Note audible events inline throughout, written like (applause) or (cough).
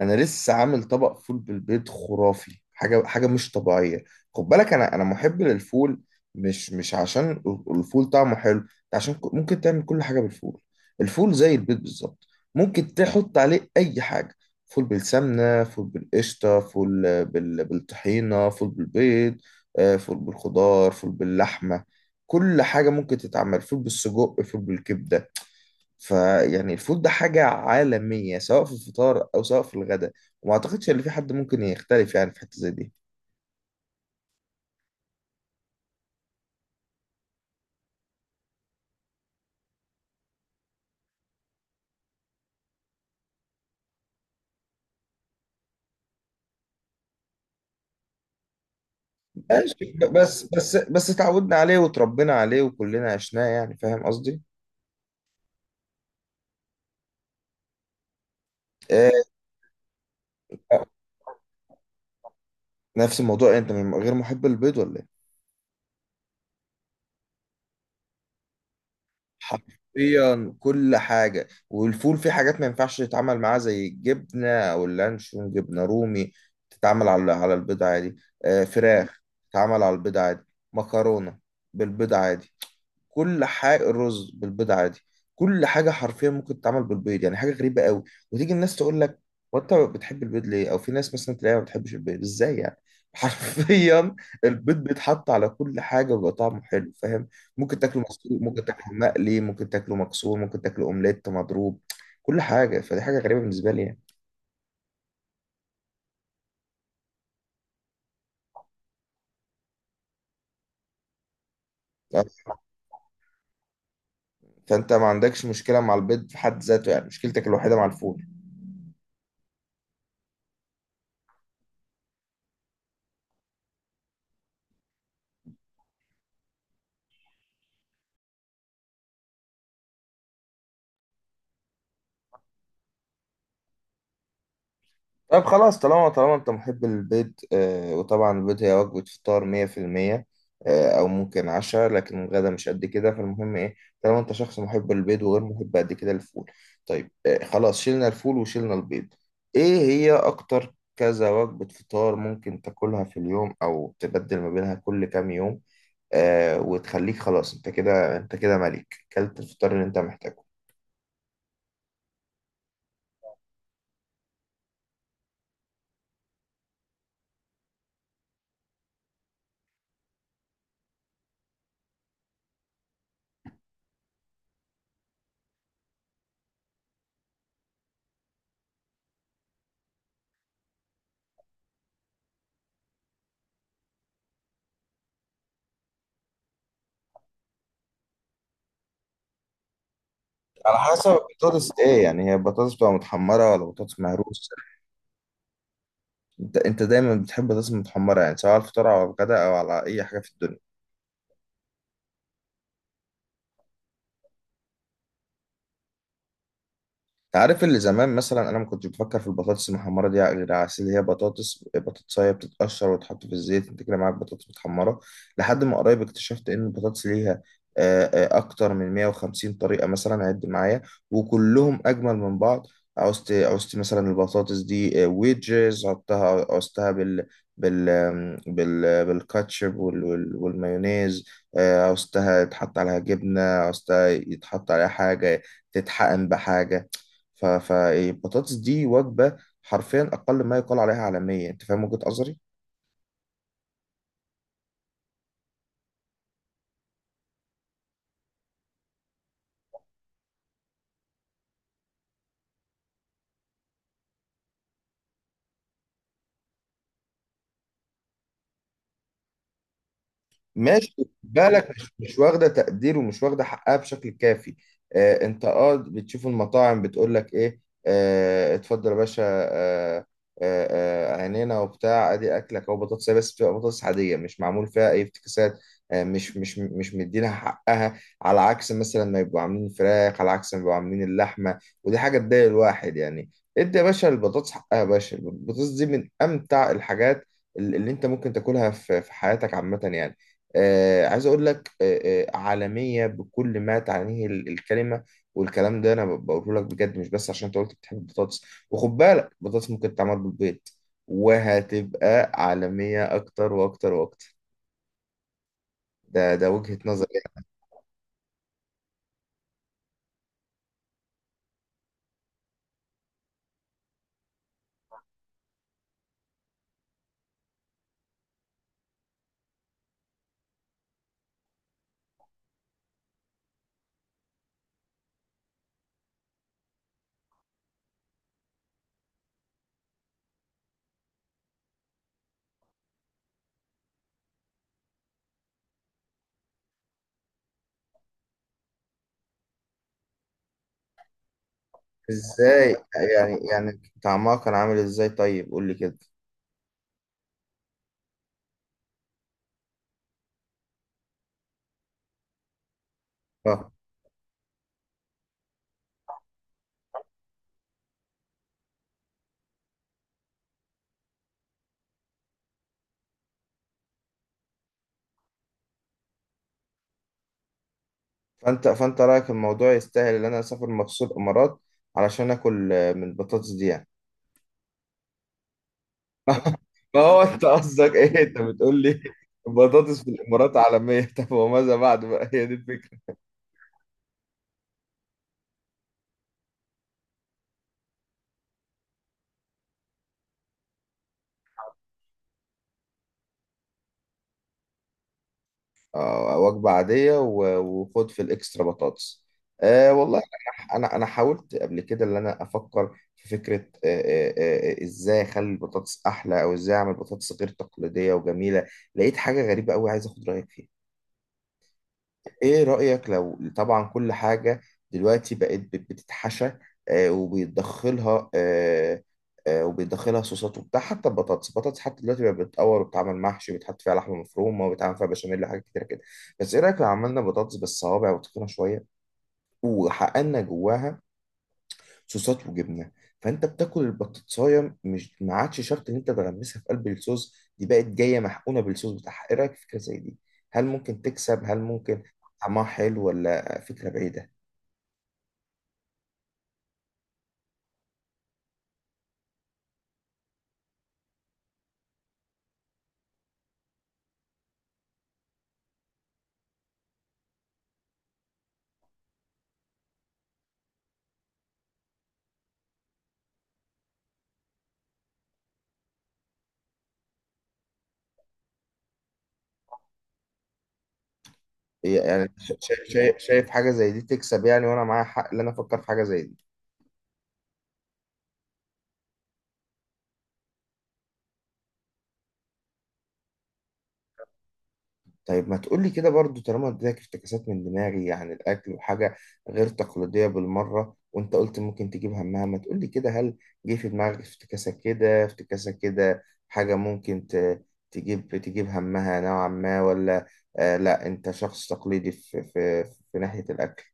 انا لسه عامل طبق فول بالبيض خرافي، حاجه مش طبيعيه. خد بالك انا محب للفول. مش عشان الفول طعمه حلو، عشان ممكن تعمل كل حاجه بالفول. الفول زي البيض بالظبط، ممكن تحط عليه اي حاجه. فول بالسمنه، فول بالقشطه، فول بالطحينه، فول بالبيض، فول بالخضار، فول باللحمه. كل حاجه ممكن تتعمل، فول بالسجق، فول بالكبده. فيعني الفود ده حاجة عالمية سواء في الفطار أو سواء في الغداء. وما أعتقدش إن في حد ممكن يختلف يعني في حتة زي دي. ماشي بس بس اتعودنا عليه وتربينا عليه وكلنا عشناه، يعني فاهم قصدي؟ آه. نفس الموضوع إيه، أنت من غير محب البيض ولا إيه؟ حرفيا كل حاجة، والفول فيه حاجات ما ينفعش يتعمل معاه زي الجبنة أو اللانشون جبنة رومي. تتعمل على البيض عادي. آه فراخ. تتعمل على البيض عادي. مكرونة بالبيض عادي. كل حاجه، الرز بالبيض عادي. كل حاجه حرفيا ممكن تتعمل بالبيض، يعني حاجه غريبه قوي. وتيجي الناس تقول لك، وانت بتحب البيض ليه؟ او في ناس مثلا تلاقيها ما بتحبش البيض، ازاي يعني؟ (laughs) حرفيا، البيض بيتحط على كل حاجه وبيبقى طعمه حلو، فاهم. ممكن تاكله مسلوق، ممكن تاكله مقلي، ممكن تاكله مكسور، ممكن تاكله اومليت مضروب. كل حاجه، فدي حاجه غريبه بالنسبه لي يعني. آه. فانت ما عندكش مشكله مع البيض في حد ذاته، يعني مشكلتك الوحيده مع الفول. طب خلاص، طالما انت محب البيض. آه، وطبعا البيض هي وجبة فطار 100%. آه، او ممكن عشاء، لكن الغدا مش قد كده. فالمهم ايه، طالما انت شخص محب للبيض وغير محب قد كده للفول. طيب آه خلاص، شلنا الفول وشلنا البيض. ايه هي اكتر كذا وجبة فطار ممكن تاكلها في اليوم او تبدل ما بينها كل كام يوم؟ آه وتخليك خلاص، انت كده، ملك كلت الفطار اللي انت محتاجه. على حسب البطاطس ايه يعني، هي بطاطس بتبقى متحمرة ولا بطاطس مهروس؟ انت دايما بتحب الرز المتحمرة، يعني سواء على الفطار او على الغداء او على اي حاجة في الدنيا. عارف، اللي زمان مثلا انا ما كنتش بفكر في البطاطس المحمره دي غير على أساس اللي هي بطاطس، بطاطسايه بتتقشر وتحط في الزيت، انت كده معاك بطاطس متحمره. لحد ما قريب اكتشفت ان البطاطس ليها اكتر من 150 طريقه، مثلا عد معايا، وكلهم اجمل من بعض. عوزت مثلا البطاطس دي ويدجز، عدتها، عوزتها بال بال آم، بال بالكاتشب والمايونيز. عوزتها يتحط عليها جبنه، عوزتها يتحط عليها حاجه، تتحقن بحاجه. فالبطاطس دي وجبة، حرفيا أقل ما يقال عليها عالمية. أنت فاهم وجهة نظري؟ ماشي، خد بالك، مش واخده تقدير ومش واخده حقها بشكل كافي. آه انت، اه بتشوف المطاعم بتقول لك ايه، آه اتفضل يا باشا، آه عينينا وبتاع، ادي اكلك او بطاطس، بس بتبقى بطاطس عاديه مش معمول فيها اي افتكاسات. آه مش مدينها حقها، على عكس مثلا ما يبقوا عاملين فراخ، على عكس ما يبقوا عاملين اللحمه، ودي حاجه تضايق الواحد يعني. ادي يا باشا البطاطس حقها، يا باشا البطاطس دي من امتع الحاجات اللي انت ممكن تاكلها في حياتك عامه يعني. آه عايز اقول لك، عالميه بكل ما تعنيه الكلمه. والكلام ده انا بقوله لك بجد، مش بس عشان انت قلت بتحب البطاطس. وخد بالك البطاطس ممكن تتعمل بالبيض، وهتبقى عالميه اكتر واكتر واكتر. ده وجهه نظر يعني. ازاي؟ يعني طعمها كان عامل ازاي طيب، قول لي كده. اه، فانت رايك الموضوع يستاهل ان انا اسافر مخصوص الامارات، علشان اكل من البطاطس دي يعني؟ ما هو انت قصدك ايه، انت بتقول لي بطاطس في الامارات عالميه؟ (laughs) طب وماذا بعد بقى، هي دي الفكره؟ آه وجبه عاديه وخد في الاكسترا بطاطس. آه والله انا انا أنا حاولت قبل كده ان انا افكر في فكره، ازاي اخلي البطاطس احلى او ازاي اعمل بطاطس غير تقليديه وجميله. لقيت حاجه غريبه قوي، عايز اخد رايك فيها. ايه رأيك، لو طبعا كل حاجة دلوقتي بقت بتتحشى، وبيتدخلها آه، آه، وبيتدخلها صوصات وبتاع، حتى البطاطس، حتى دلوقتي بقت بتتقور وبتتعمل محشي وبيتحط فيها لحمة مفرومة وبيتعمل فيها بشاميل وحاجات كتيرة كده. بس ايه رأيك لو عملنا بطاطس بالصوابع وتخينة شوية، وحققنا جواها صوصات وجبنه؟ فانت بتاكل البطاطسايه، مش ما عادش شرط ان انت تغمسها في قلب الصوص، دي بقت جايه محقونه بالصوص بتاعها. ايه رايك في فكره زي دي؟ هل ممكن تكسب، هل ممكن طعمها حلو، ولا فكره بعيده؟ يعني شايف، شايف حاجه زي دي تكسب يعني، وانا معايا حق ان انا افكر في حاجه زي دي؟ طيب ما تقولي كده برضو، طالما اديتك افتكاسات من دماغي عن الأكل وحاجة غير تقليدية بالمرة، وأنت قلت ممكن تجيب همها، ما تقولي كده، هل جه في دماغك افتكاسة كده، افتكاسة كده حاجة ممكن تجيب همها نوعا ما، ولا آه لا أنت شخص تقليدي في ناحية الأكل؟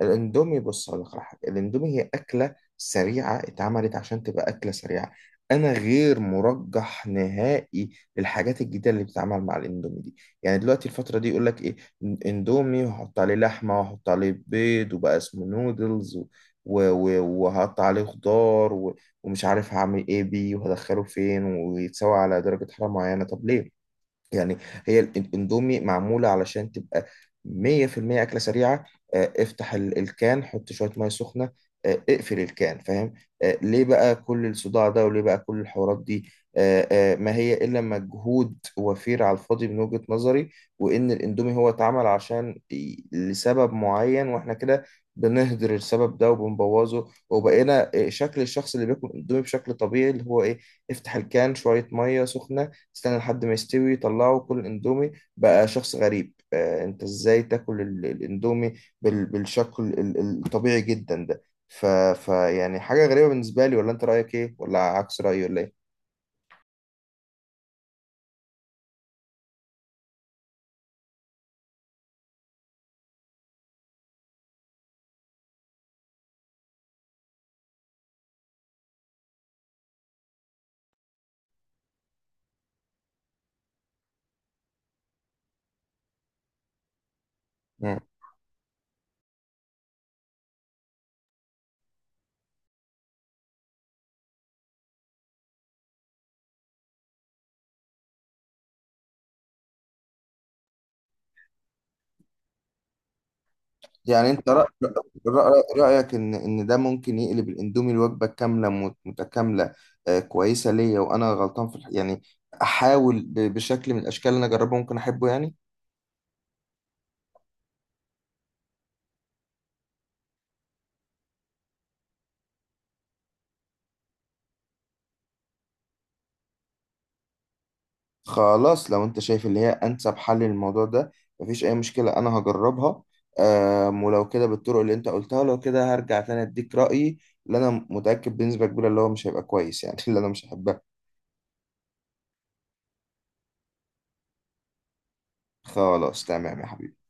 الاندومي، بص هقول لك على حاجه. الاندومي هي اكله سريعه، اتعملت عشان تبقى اكله سريعه. انا غير مرجح نهائي للحاجات الجديده اللي بتتعمل مع الاندومي دي. يعني دلوقتي الفتره دي يقول لك ايه، اندومي وهحط عليه لحمه وهحط عليه بيض وبقى اسمه نودلز وهحط عليه خضار ومش عارف هعمل ايه بيه وهدخله فين، ويتسوى على درجه حراره معينه. طب ليه يعني؟ هي الاندومي معمولة علشان تبقى 100% أكلة سريعة. افتح الكان، حط شوية مية سخنة، اقفل الكان، فاهم. ليه بقى كل الصداع ده، وليه بقى كل الحوارات دي؟ ما هي إلا مجهود وفير على الفاضي من وجهة نظري. وإن الاندومي هو اتعمل عشان لسبب معين، وإحنا كده بنهدر السبب ده وبنبوظه، وبقينا شكل الشخص اللي بياكل اندومي بشكل طبيعي، اللي هو ايه، افتح الكان شوية مية سخنة، استنى لحد ما يستوي، طلعه، كل اندومي بقى شخص غريب. آه انت ازاي تاكل الاندومي بالشكل الطبيعي جدا ده؟ ف... ف يعني حاجة غريبة بالنسبة لي، ولا انت رأيك ايه، ولا عكس رأيي ولا ايه؟ مم. يعني انت رأيك ان ده ممكن يقلب الاندومي الوجبة كاملة متكاملة آه كويسة ليا، وانا غلطان في يعني احاول بشكل من الاشكال اللي انا اجربه ممكن احبه يعني. خلاص لو انت شايف اللي هي انسب حل للموضوع ده، مفيش اي مشكلة انا هجربها. ولو كده بالطرق اللي انت قلتها، لو كده هرجع تاني اديك رأيي، اللي انا متأكد بنسبة كبيرة اللي هو مش هيبقى كويس يعني. (laughs) اللي انا مش هحبها. خلاص تمام يا حبيبي.